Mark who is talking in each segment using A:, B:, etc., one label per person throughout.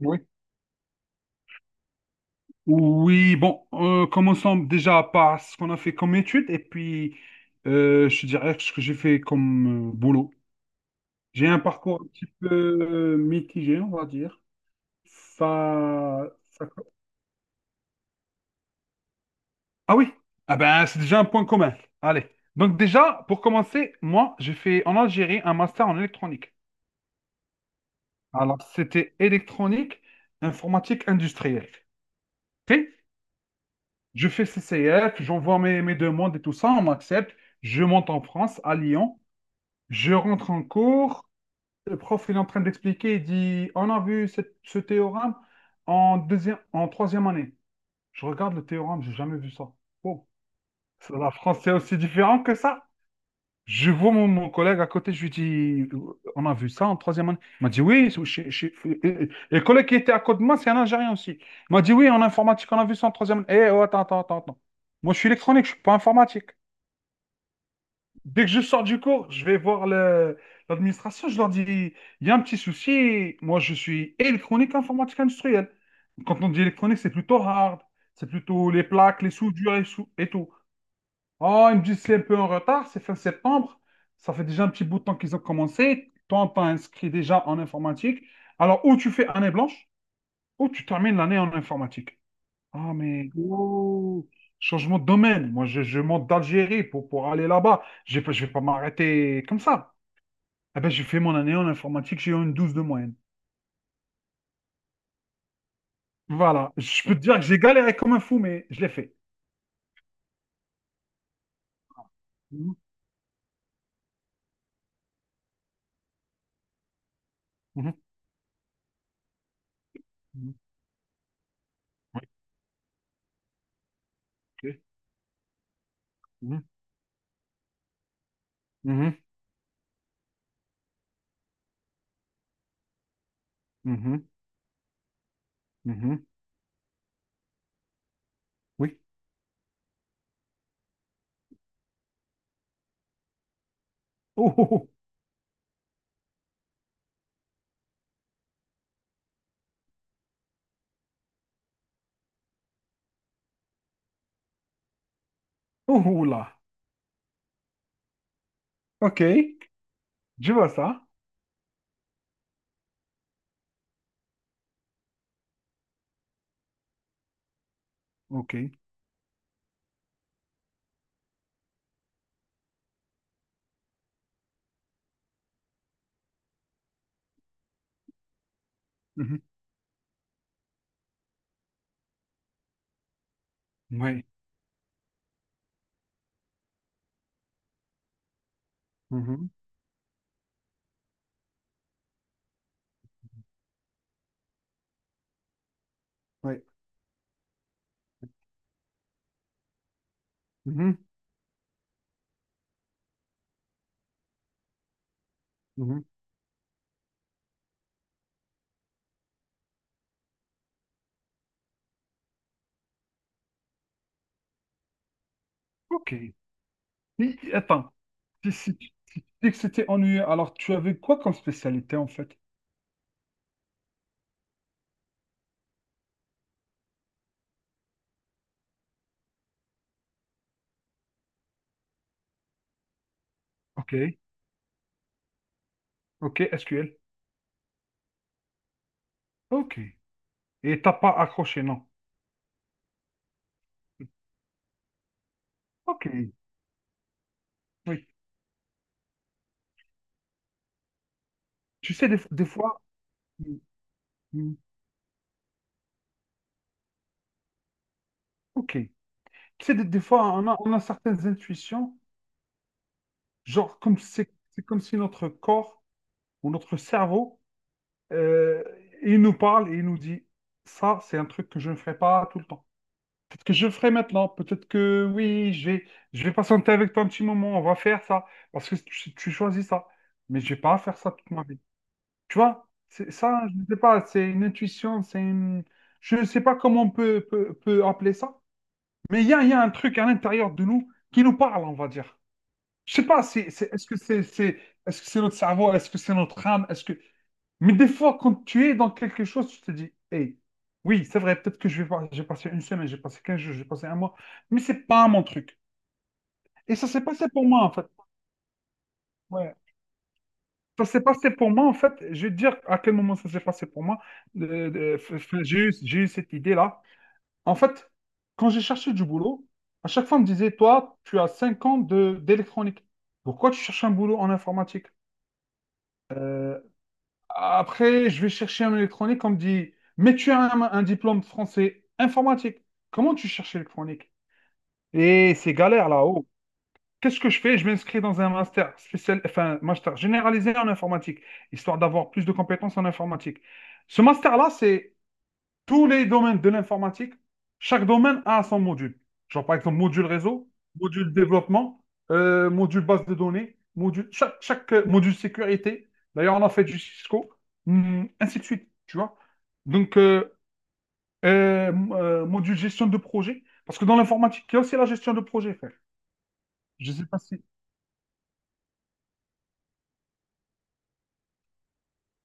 A: Oui. Oui, bon, commençons déjà par ce qu'on a fait comme études et puis je te dirais ce que j'ai fait comme boulot. J'ai un parcours un petit peu mitigé, on va dire. Ça, ça- Ah oui, ah ben, c'est déjà un point commun. Allez. Donc déjà, pour commencer, moi, j'ai fait en Algérie un master en électronique. Alors, c'était électronique, informatique industrielle. Ok. Je fais CCF, j'envoie mes demandes et tout ça, on m'accepte. Je monte en France, à Lyon. Je rentre en cours, le prof il est en train d'expliquer, il dit, on a vu ce théorème en deuxième, en troisième année. Je regarde le théorème, j'ai jamais vu ça. Oh, ça, la France c'est aussi différent que ça. Je vois mon collègue à côté, je lui dis, on a vu ça en troisième année. Il m'a dit, oui, et le collègue qui était à côté de moi, c'est un Algérien aussi. Il m'a dit, oui, en informatique, on a vu ça en troisième année. Eh, oh, attends, attends, attends, attends. Moi, je suis électronique, je ne suis pas informatique. Dès que je sors du cours, je vais voir l'administration, je leur dis, il y a un petit souci, moi je suis électronique informatique industrielle. Quand on dit électronique, c'est plutôt hard, c'est plutôt les plaques, les soudures et tout. Oh, ils me disent c'est un peu en retard, c'est fin septembre, ça fait déjà un petit bout de temps qu'ils ont commencé, toi t'as inscrit déjà en informatique, alors ou tu fais année blanche, ou tu termines l'année en informatique. Ah, mais oh, changement de domaine. Moi, je monte d'Algérie pour aller là-bas. Je vais pas m'arrêter comme ça. Eh ben, j'ai fait mon année en informatique, j'ai eu une 12 de moyenne. Voilà. Je peux te dire que j'ai galéré comme un fou, mais je l'ai fait. Mhm, mhm, mhm. Oui, ok. Mhm, mhm, mhm, mhm. Oui. Oh, oh, oh, oh, oh là. OK. Je vois ça. OK. Mhm. Oui. Mhm, oui. Mhm, mhm. OK. Attends. Si dit que c'était ennuyeux. Alors, tu avais quoi comme spécialité en fait? Ok, ok, SQL. Ok. Et t'as pas accroché, non? Ok. Oui. Tu sais, des fois, mm, mm, ok. Tu sais, des fois, on a certaines intuitions, genre comme si c'est comme si notre corps ou notre cerveau, euh, il nous parle et il nous dit, ça, c'est un truc que je ne ferai pas tout le temps. Peut-être que je le ferai maintenant. Peut-être que oui, je vais patienter avec toi un petit moment. On va faire ça. Parce que tu choisis ça. Mais je vais pas faire ça toute ma vie. Tu vois, c'est ça, je ne sais pas. C'est une intuition. Je ne sais pas comment on peut, appeler ça. Mais il y a un truc à l'intérieur de nous qui nous parle, on va dire. Je sais pas, est-ce que est-ce que c'est notre cerveau? Est-ce que c'est notre âme? Est-ce que... Mais des fois, quand tu es dans quelque chose, tu te dis, hey, oui, c'est vrai, peut-être que je vais pas- j'ai passé une semaine, j'ai passé 15 jours, j'ai passé un mois, mais c'est pas mon truc. Et ça s'est passé pour moi, en fait. Ouais. Ça s'est passé pour moi, en fait. Je vais te dire à quel moment ça s'est passé pour moi. J'ai eu cette idée-là. En fait, quand j'ai cherché du boulot, à chaque fois, on me disait, toi, tu as 5 ans de d'électronique. Pourquoi tu cherches un boulot en informatique? Après, je vais chercher un électronique, on me dit, mais tu as un diplôme français informatique. Comment tu cherches électronique? Et c'est galère là-haut. Qu'est-ce que je fais? Je m'inscris dans un master spécial, enfin, master généralisé en informatique, histoire d'avoir plus de compétences en informatique. Ce master-là, c'est tous les domaines de l'informatique, chaque domaine a son module. Genre, par exemple, module réseau, module développement, module base de données, module, module sécurité. D'ailleurs, on a fait du Cisco, ainsi de suite, tu vois. Donc, module gestion de projet, parce que dans l'informatique, il y a aussi la gestion de projet, frère. Je ne sais pas si.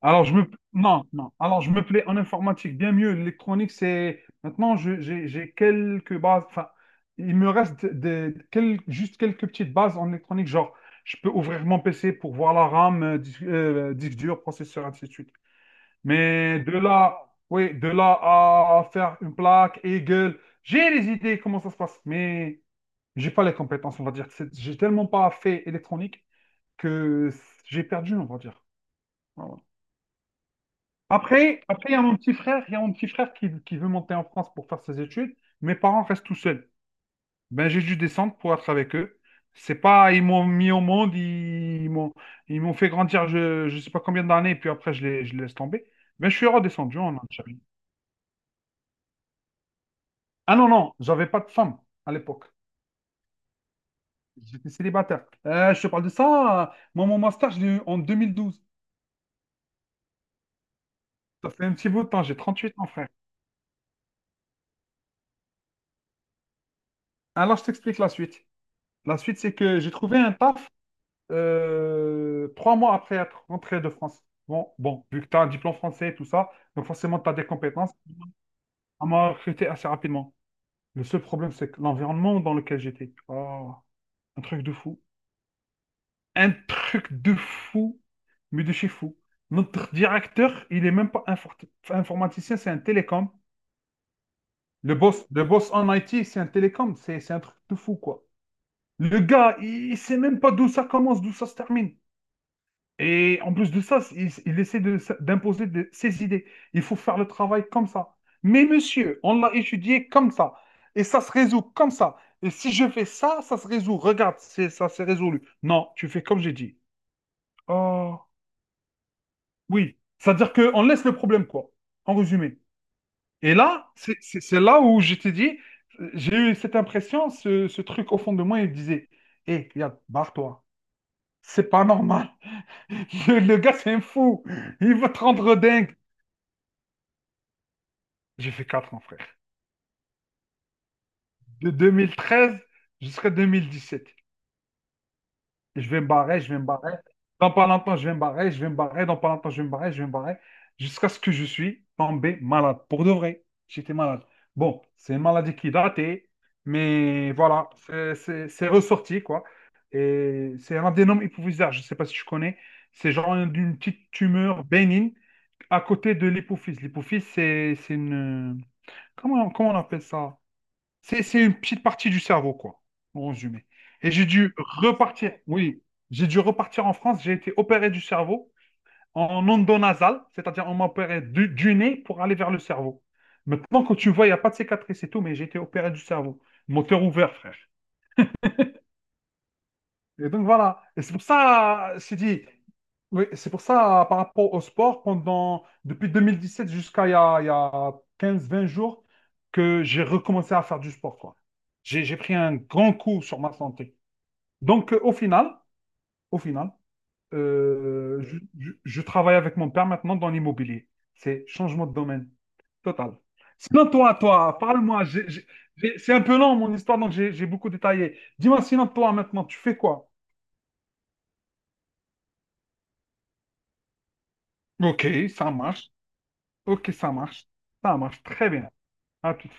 A: Alors, je me... Non, non. Alors, je me plais en informatique bien mieux. L'électronique, c'est... Maintenant, j'ai quelques bases. Enfin, il me reste des, juste quelques petites bases en électronique. Genre, je peux ouvrir mon PC pour voir la RAM, disque, dur, processeur, ainsi de suite. Mais de là, oui, de là à faire une plaque, Eagle, j'ai les idées comment ça se passe, mais j'ai pas les compétences, on va dire. J'ai tellement pas fait électronique que j'ai perdu, on va dire. Ouais, ouais. Après, il y a mon petit frère, qui veut monter en France pour faire ses études. Mes parents restent tout seuls. Ben, j'ai dû descendre pour être avec eux. C'est pas, ils m'ont mis au monde, ils m'ont fait grandir, je sais pas combien d'années, et puis après, je les laisse tomber. Ben, je suis redescendu en Algérie. Ah non, non, j'avais pas de femme à l'époque. J'étais célibataire. Je te parle de ça, moi, mon master, je l'ai eu en 2012. Ça fait un petit bout de temps, j'ai 38 ans, frère. Alors, je t'explique la suite. La suite, c'est que j'ai trouvé un taf 3 mois après être rentré de France. Bon, bon, vu que tu as un diplôme français et tout ça, donc forcément, tu as des compétences. On m'a recruté assez rapidement. Le seul problème, c'est que l'environnement dans lequel j'étais, oh, un truc de fou. Un truc de fou, mais de chez fou. Notre directeur, il est même pas informaticien, c'est un télécom. Le boss en IT, c'est un télécom. C'est un truc de fou, quoi. Le gars, il sait même pas d'où ça commence, d'où ça se termine. Et en plus de ça, il essaie d'imposer ses idées. Il faut faire le travail comme ça. Mais monsieur, on l'a étudié comme ça. Et ça se résout comme ça. Et si je fais ça, ça se résout. Regarde, c'est, ça s'est résolu. Non, tu fais comme j'ai dit. Oh, oui. C'est-à-dire qu'on laisse le problème, quoi. En résumé. Et là, c'est là où je t'ai dit, j'ai eu cette impression, ce truc au fond de moi, il me disait, hé, regarde, barre-toi. C'est pas normal. Le gars, c'est un fou. Il va te rendre dingue. J'ai fait 4 ans, frère. De 2013 jusqu'à 2017. Je vais me barrer, je vais me barrer. Dans pas longtemps, je vais me barrer, je vais me barrer. Dans pas longtemps, je vais me barrer, je vais me barrer. Jusqu'à ce que je suis tombé malade. Pour de vrai, j'étais malade. Bon, c'est une maladie qui est datée, mais voilà, c'est ressorti, quoi. Et c'est un adénome hypophysaire, je ne sais pas si tu connais. C'est genre une petite tumeur bénigne à côté de l'hypophyse. L'hypophyse, c'est une... Comment on appelle ça? C'est une petite partie du cerveau, quoi, en résumé. Et j'ai dû repartir, oui, j'ai dû repartir en France, j'ai été opéré du cerveau en endonasal, c'est-à-dire on m'a opéré du nez pour aller vers le cerveau. Maintenant, quand tu vois, il n'y a pas de cicatrice et tout, mais j'ai été opéré du cerveau. Moteur ouvert, frère. Et donc voilà. Et c'est pour ça, je dit, oui, c'est pour ça, par rapport au sport, pendant, depuis 2017 jusqu'à il y a 15-20 jours, que j'ai recommencé à faire du sport, quoi. J'ai pris un grand coup sur ma santé. Donc, au final, je travaille avec mon père maintenant dans l'immobilier. C'est changement de domaine total. Sinon, toi, toi, parle-moi. C'est un peu long, mon histoire, donc j'ai beaucoup détaillé. Dis-moi, sinon, toi, maintenant, tu fais quoi? Ok, ça marche. Ok, ça marche. Ça marche très bien. À toute.